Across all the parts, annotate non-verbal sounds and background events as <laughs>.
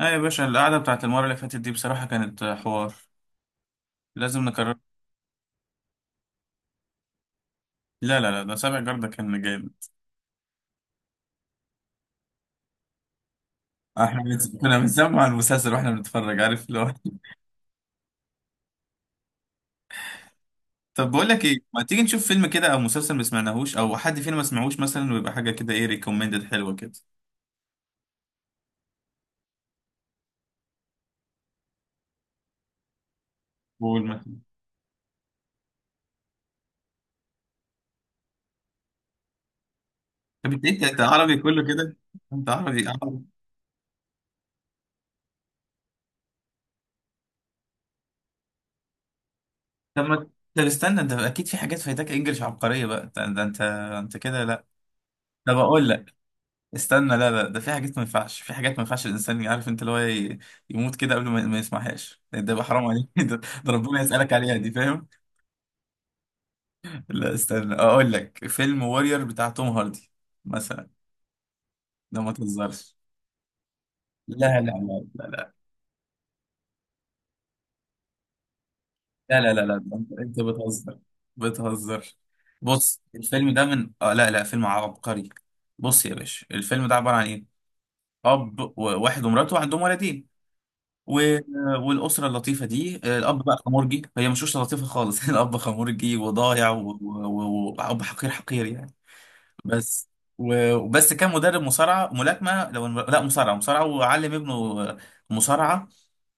اه يا باشا، القعدة بتاعت المرة اللي فاتت دي بصراحة كانت حوار. لازم نكرر. لا ده سابع جردة كان جامد. احنا كنا بنسمع المسلسل واحنا بنتفرج، عارف اللي هو. <laughs> طب بقول لك ايه، ما تيجي نشوف فيلم كده او مسلسل ما سمعناهوش او حد فينا ما سمعوش مثلا، ويبقى حاجة كده ايه، ريكومندد حلوة كده. قول مثلا. طب انت انت أنت عربي كله كده. انت عربي. طب ما طب استنى، انت اكيد في حاجات فايتاك انجلش عبقرية بقى. ده انت، انت كده. لا طب اقول لك. استنى لا، ده في حاجات ما ينفعش، في حاجات ما ينفعش الانسان، عارف انت اللي هو يموت كده قبل ما يسمعهاش. ده يبقى حرام عليك. <laughs> ده, ده ربنا يسألك عليها دي، فاهم؟ لا استنى اقول لك، فيلم وورير بتاع توم هاردي مثلا. ده ما تهزرش. لا لا لا لا لا لا لا لا, لا. ده انت بتهزر، بتهزر. بص الفيلم ده من اه لا فيلم عبقري. بص يا باشا، الفيلم ده عبارة عن ايه، اب وواحد ومراته عندهم ولدين و- والاسره اللطيفه دي، الاب بقى خمرجي، هي مش اسره لطيفه خالص. <laughs> الاب خمرجي وضايع، واب واب حقير، حقير يعني. بس وبس كان مدرب مصارعه، ملاكمه لو لا مصارعه، وعلم ابنه مصارعه.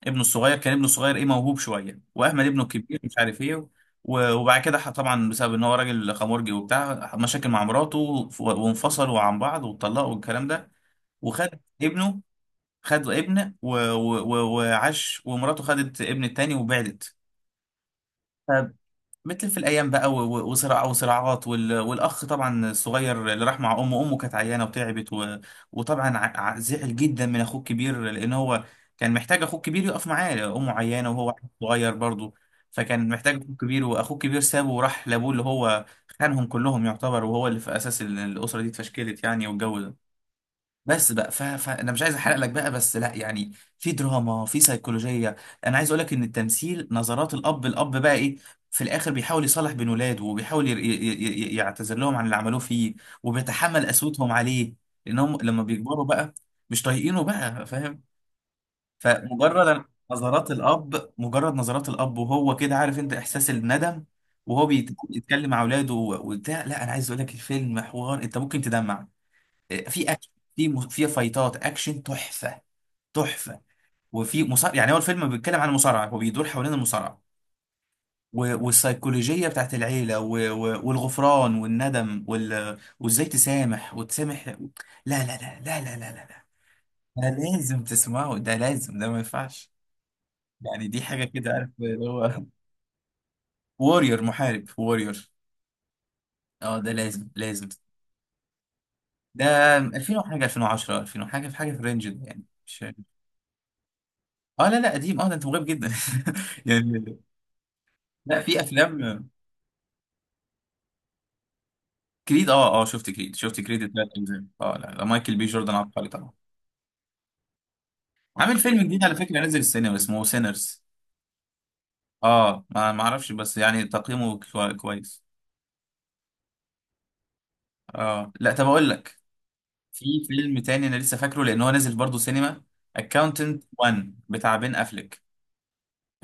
ابنه الصغير كان، ابنه الصغير ايه، موهوب شويه، واهمل ابنه الكبير مش عارف ايه. وبعد كده طبعا بسبب ان هو راجل خمرجي وبتاع، مشاكل مع مراته، وانفصلوا عن بعض واتطلقوا والكلام ده. وخد ابنه، خد ابن وعاش، ومراته خدت ابن التاني وبعدت. فبتلف الأيام بقى وصراع وصراعات والأخ طبعا الصغير اللي راح مع أمه، أمه كانت عيانة وتعبت و... وطبعا زعل جدا من أخوه الكبير، لأن هو كان محتاج أخوه الكبير يقف معاه، أمه عيانة وهو صغير برضه. فكان محتاج أخوه الكبير، وأخوه الكبير سابه وراح لأبوه، اللي هو خانهم كلهم يعتبر، وهو اللي في أساس الأسرة دي اتفشكلت يعني، والجو ده. بس بقى ف... فانا مش عايز احرق لك بقى بس، لا يعني في دراما، في سيكولوجيه. انا عايز اقول لك ان التمثيل، نظرات الاب، الاب بقى ايه، في الاخر بيحاول يصالح بين ولاده، وبيحاول يعتذر لهم عن اللي عملوه فيه، وبيتحمل قسوتهم عليه، لانهم لما بيكبروا بقى مش طايقينه بقى، فاهم؟ فمجرد نظرات الاب، مجرد نظرات الاب وهو كده، عارف انت احساس الندم، وهو بيتكلم مع اولاده وبتاع. لا انا عايز اقول لك، الفيلم حوار، انت ممكن تدمع. في اكشن، في في فايتات اكشن تحفه، تحفه. وفي مصارع يعني، هو الفيلم بيتكلم عن المصارعه، هو بيدور حوالين المصارعه والسيكولوجيه بتاعت العيله والغفران والندم وازاي تسامح وتسامح. لا ده لازم تسمعه، ده لازم، ده ما ينفعش. يعني دي حاجه كده، عارف اللي هو، وورير، محارب، وورير. اه ده لازم. ده 2000 وحاجه، 2010، 2000 وحاجه، في حاجه في الرينج ده يعني، مش اه لا قديم. اه ده انت مغيب جدا. <laughs> يعني، لا في افلام. كريد اه شفت كريد، شفت كريد الثلاث اجزاء، اه لا مايكل بي جوردن عبقري طبعا. عامل فيلم جديد على فكره، نزل السينما، اسمه سينرز. اه ما اعرفش بس يعني تقييمه كويس. اه لا طب اقول لك، في فيلم تاني انا لسه فاكره، لان هو نازل برضه سينما، اكاونتنت 1 بتاع بين افليك.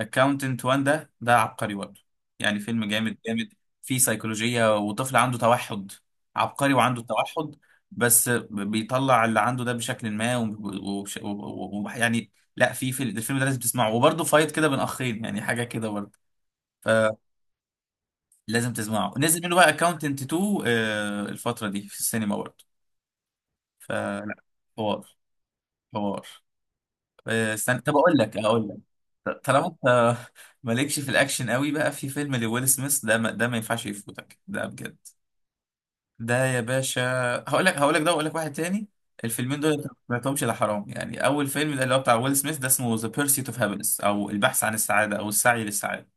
اكاونتنت وان ده عبقري برضه يعني، فيلم جامد جامد. فيه سيكولوجية، وطفل عنده توحد، عبقري وعنده توحد، بس بيطلع اللي عنده ده بشكل ما. ويعني لا في الفيلم ده لازم تسمعه، وبرضه فايت كده بين اخين، يعني حاجة كده برضه، فلازم تسمعه. نزل منه بقى اكاونتنت 2، الفترة دي في السينما برضه، فلا، حوار، حوار. استنى طب اقول لك. طالما انت <laughs> مالكش في الاكشن قوي بقى، في فيلم لويل سميث ده، ما ده ما ينفعش يفوتك، ده بجد. ده يا باشا، هقول لك ده، واقول لك واحد تاني. الفيلمين دول انت ما سمعتهمش، لا حرام يعني. اول فيلم ده اللي هو بتاع ويل سميث ده، اسمه ذا بيرسيت اوف هابينس، او البحث عن السعاده، او السعي للسعاده.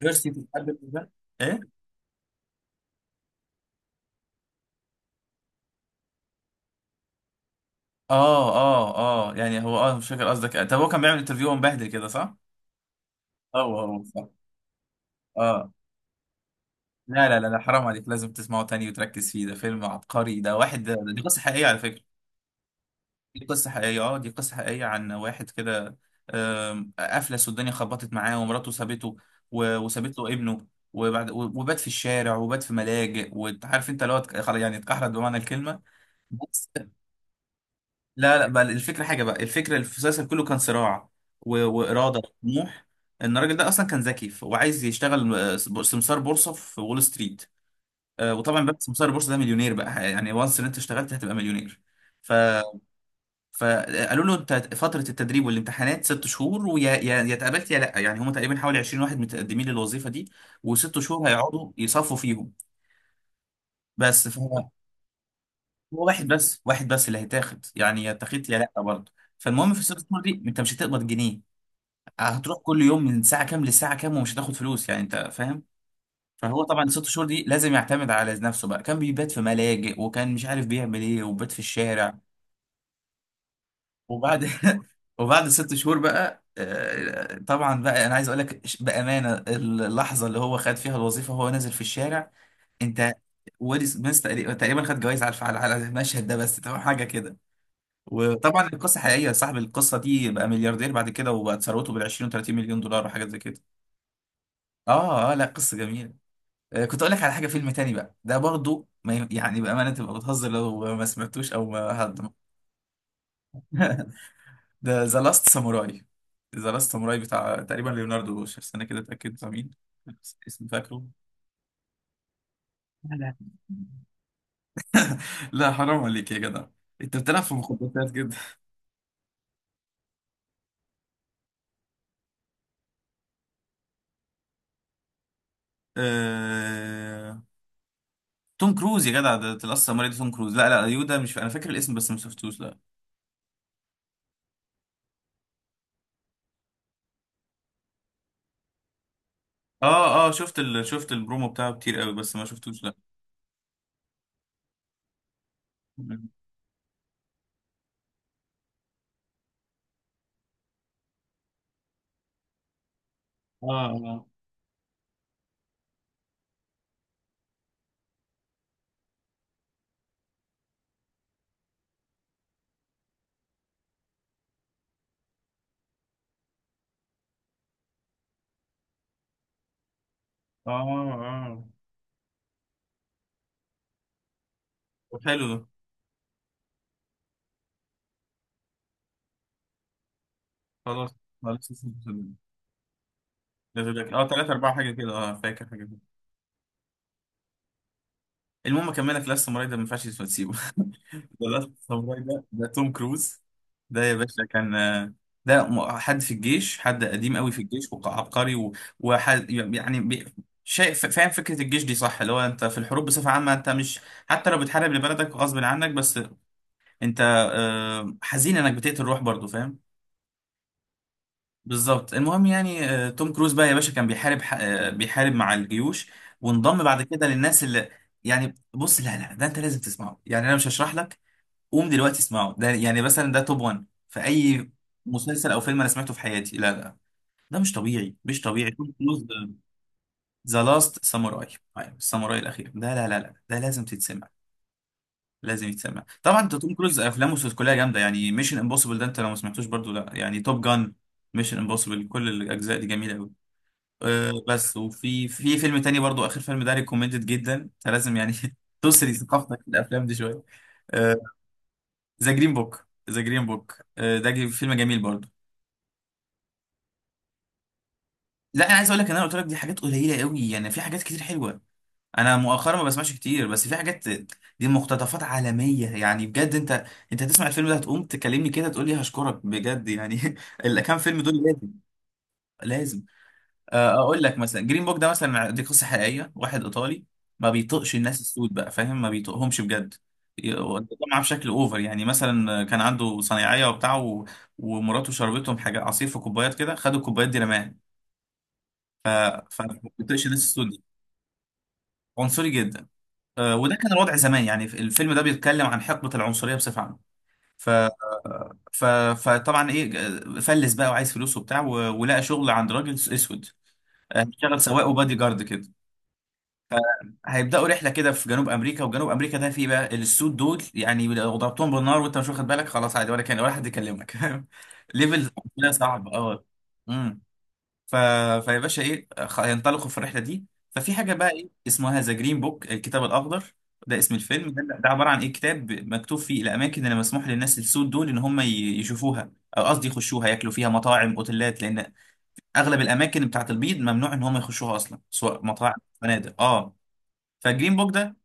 بيرسيت اوف هابينس ده. ايه اه اه اه يعني هو اه مش فاكر قصدك، طب هو كان بيعمل انترفيو، ومبهدل كده صح؟ هو صح. اه لا ده حرام عليك، لازم تسمعه تاني وتركز فيه، ده فيلم عبقري ده، واحد ده، دي قصة حقيقية على فكرة. دي قصة حقيقية، اه دي قصة حقيقية عن واحد كده. أفلس والدنيا خبطت معاه، ومراته سابته وسابت له ابنه. وبعد وبات في الشارع، وبات في ملاجئ، وعارف انت اللي هو خلاص يعني، اتكحرت بمعنى الكلمة. بس لا بقى الفكرة، حاجة بقى الفكرة، المسلسل كله كان صراع وإرادة وطموح، ان الراجل ده اصلا كان ذكي، وعايز يشتغل سمسار بورصة في وول ستريت. آه، وطبعا بس مسار البورصه ده مليونير بقى يعني، وانس ان انت اشتغلت هتبقى مليونير. ف فقالوا له، انت فتره التدريب والامتحانات ست شهور، ويا يا يا اتقبلت يا لا، يعني هم تقريبا حوالي 20 واحد متقدمين للوظيفه دي، وست شهور هيقعدوا يصفوا فيهم. بس فهو، هو واحد بس اللي هيتاخد يعني، يا اتاخدت يا لا برضه. فالمهم في الست شهور دي انت مش هتقبض جنيه، هتروح كل يوم من ساعه كام لساعه كام، ومش هتاخد فلوس، يعني انت فاهم. فهو طبعا ست شهور دي لازم يعتمد على نفسه بقى، كان بيبات في ملاجئ، وكان مش عارف بيعمل ايه، وبات في الشارع. وبعد <laughs> وبعد ست شهور بقى، آه، طبعا بقى انا عايز اقول لك بامانه، اللحظه اللي هو خد فيها الوظيفه وهو نازل في الشارع، انت، ويل سميث تقريبا تقريباً خد جوائز على الفعل، على على المشهد ده بس، تمام حاجه كده. وطبعا القصه حقيقيه، صاحب القصه دي بقى ملياردير بعد كده، وبقت ثروته بال 20 و 30 مليون دولار وحاجات زي كده. اه لا قصه جميله. آه، كنت اقول لك على حاجه، فيلم تاني بقى ده برضو ما يعني بامانه تبقى بتهزر لو ما سمعتوش او ما حد. <laughs> ده ذا لاست ساموراي. ذا لاست ساموراي بتاع تقريبا ليوناردو، شوف استنى كده اتاكد بتاع مين. بس اسم فاكره. لا لا لا حرام عليك يا جدع، انت بتلعب في مخططات كده. آه... توم كروز يا جدع، ده لاست ساموراي ده، توم كروز، لا لا، يودا مش، انا فاكر الاسم بس ما شفتوش لا. اه شفت ال... شفت البرومو بتاعه كتير قوي بس ما شفتوش لا. اه اه اه اه طب حلو ده. خلاص خلاص في بالك. اه ثلاثة أربعة حاجة كده، اه فاكر حاجة كده. المهم أكملك، لاست ساموراي ده ما ينفعش تسيبه. <laughs> ده لاست ساموراي ده توم كروز. ده يا باشا كان ده حد في الجيش، حد قديم قوي في الجيش وعبقري وحد يعني شايف؟ فاهم فكرة الجيش دي صح، اللي هو أنت في الحروب بصفة عامة، أنت مش، حتى لو بتحارب لبلدك غصب عنك، بس أنت حزين إنك بتقتل روح برضه، فاهم؟ بالظبط، المهم يعني، آه، توم كروز بقى يا باشا كان بيحارب ح- آه، بيحارب مع الجيوش، وانضم بعد كده للناس اللي، يعني بص لا ده انت لازم تسمعه، يعني انا مش هشرح لك، قوم دلوقتي اسمعه. ده يعني مثلا ده توب 1 في اي مسلسل او فيلم انا سمعته في حياتي، لا ده مش طبيعي، مش طبيعي، توم كروز. ذا لاست ساموراي، الساموراي الاخير ده، لا ده لازم تتسمع، لازم يتسمع. طبعا انت توم كروز افلامه كلها جامده، يعني ميشن امبوسيبل ده انت لو ما سمعتوش برضو، لا يعني، توب جان، ميشن امبوسيبل كل الاجزاء دي جميله قوي. آه، بس وفي فيلم تاني برضو، اخر فيلم ده ريكومندد جدا، انت لازم يعني، <laughs> تسري ثقافتك في الافلام دي شويه. ذا جرين بوك، ذا جرين بوك ده فيلم جميل برضو. لا انا عايز اقول لك، ان انا قلت لك دي حاجات قليله قوي يعني، في حاجات كتير حلوه. انا مؤخرا ما بسمعش كتير، بس في حاجات، دي مقتطفات عالميه يعني، بجد انت، انت هتسمع الفيلم ده هتقوم تكلمني كده، تقول لي هشكرك بجد يعني. <laughs> الكام فيلم دول لازم، لازم. آه، اقول لك مثلا جرين بوك ده مثلا، دي قصه حقيقيه، واحد ايطالي ما بيطقش الناس السود بقى، فاهم؟ ما بيطقهمش بجد. وطبعا بشكل اوفر يعني، مثلا كان عنده صنايعيه وبتاع و... ومراته شربتهم حاجه، عصير في كوبايات كده، خدوا الكوبايات دي رماها. فما بيطقش الناس السود دي، عنصري جدا. آه، وده كان الوضع زمان يعني، الفيلم ده بيتكلم عن حقبه العنصريه بصفه عامه. ف... ف... فطبعا ايه، آه، فلس بقى وعايز فلوس وبتاع و... ولقى شغل عند راجل اسود. آه، اشتغل سواق وبادي جارد كده. هيبداوا رحله كده في جنوب امريكا، وجنوب امريكا ده فيه بقى السود دول، يعني لو ضربتهم بالنار وانت مش واخد بالك خلاص، عادي ولا كان ولا حد يكلمك. <laughs> ليفل، ده صعب اه. امم ف... فيا باشا ايه، هينطلقوا في الرحله دي. ففي حاجه بقى ايه، اسمها ذا جرين بوك، الكتاب الاخضر، ده اسم الفيلم ده, ده عباره عن ايه، كتاب مكتوب فيه الاماكن اللي مسموح للناس السود دول ان هم يشوفوها، او قصدي يخشوها، ياكلوا فيها، مطاعم، اوتيلات، لان اغلب الاماكن بتاعت البيض ممنوع ان هم يخشوها اصلا، سواء مطاعم فنادق اه. فالجرين بوك ده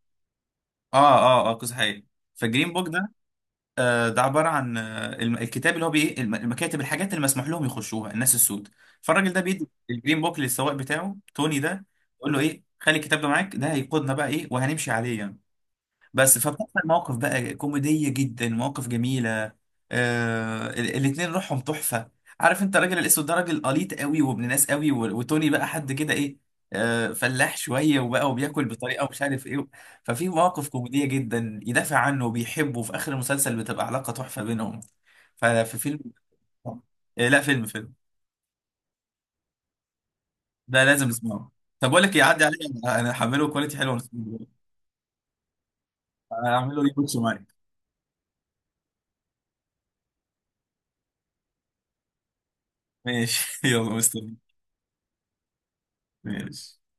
اه قصة حقيقية. فالجرين بوك ده، آه ده عبارة عن آه الكتاب اللي هو بي ايه، المكاتب، الحاجات اللي مسموح لهم يخشوها الناس السود. فالراجل ده بيدي الجرين بوك للسواق بتاعه، توني ده، يقول له ايه خلي الكتاب ده معاك، ده هيقودنا بقى ايه، وهنمشي عليه يعني. بس فبتحصل مواقف بقى كوميدية جدا، مواقف جميلة. آه الاتنين روحهم تحفة، عارف انت، الراجل الاسود ده راجل قليط قوي وابن ناس قوي، وتوني بقى حد كده ايه، آه فلاح شوية وبقى وبياكل بطريقة مش عارف ايه. ففي مواقف كوميدية جدا، يدافع عنه وبيحبه، وفي اخر المسلسل بتبقى علاقة تحفة بينهم. ففي فيلم آه لا فيلم. ده لازم نسمعه. طب بقول لك إيه، عدي عليا، انا هحمله كواليتي حلوه ونسمعه. هعمله ريبوتش معاك. ماشي. <laughs> يلا مستني. ماشي.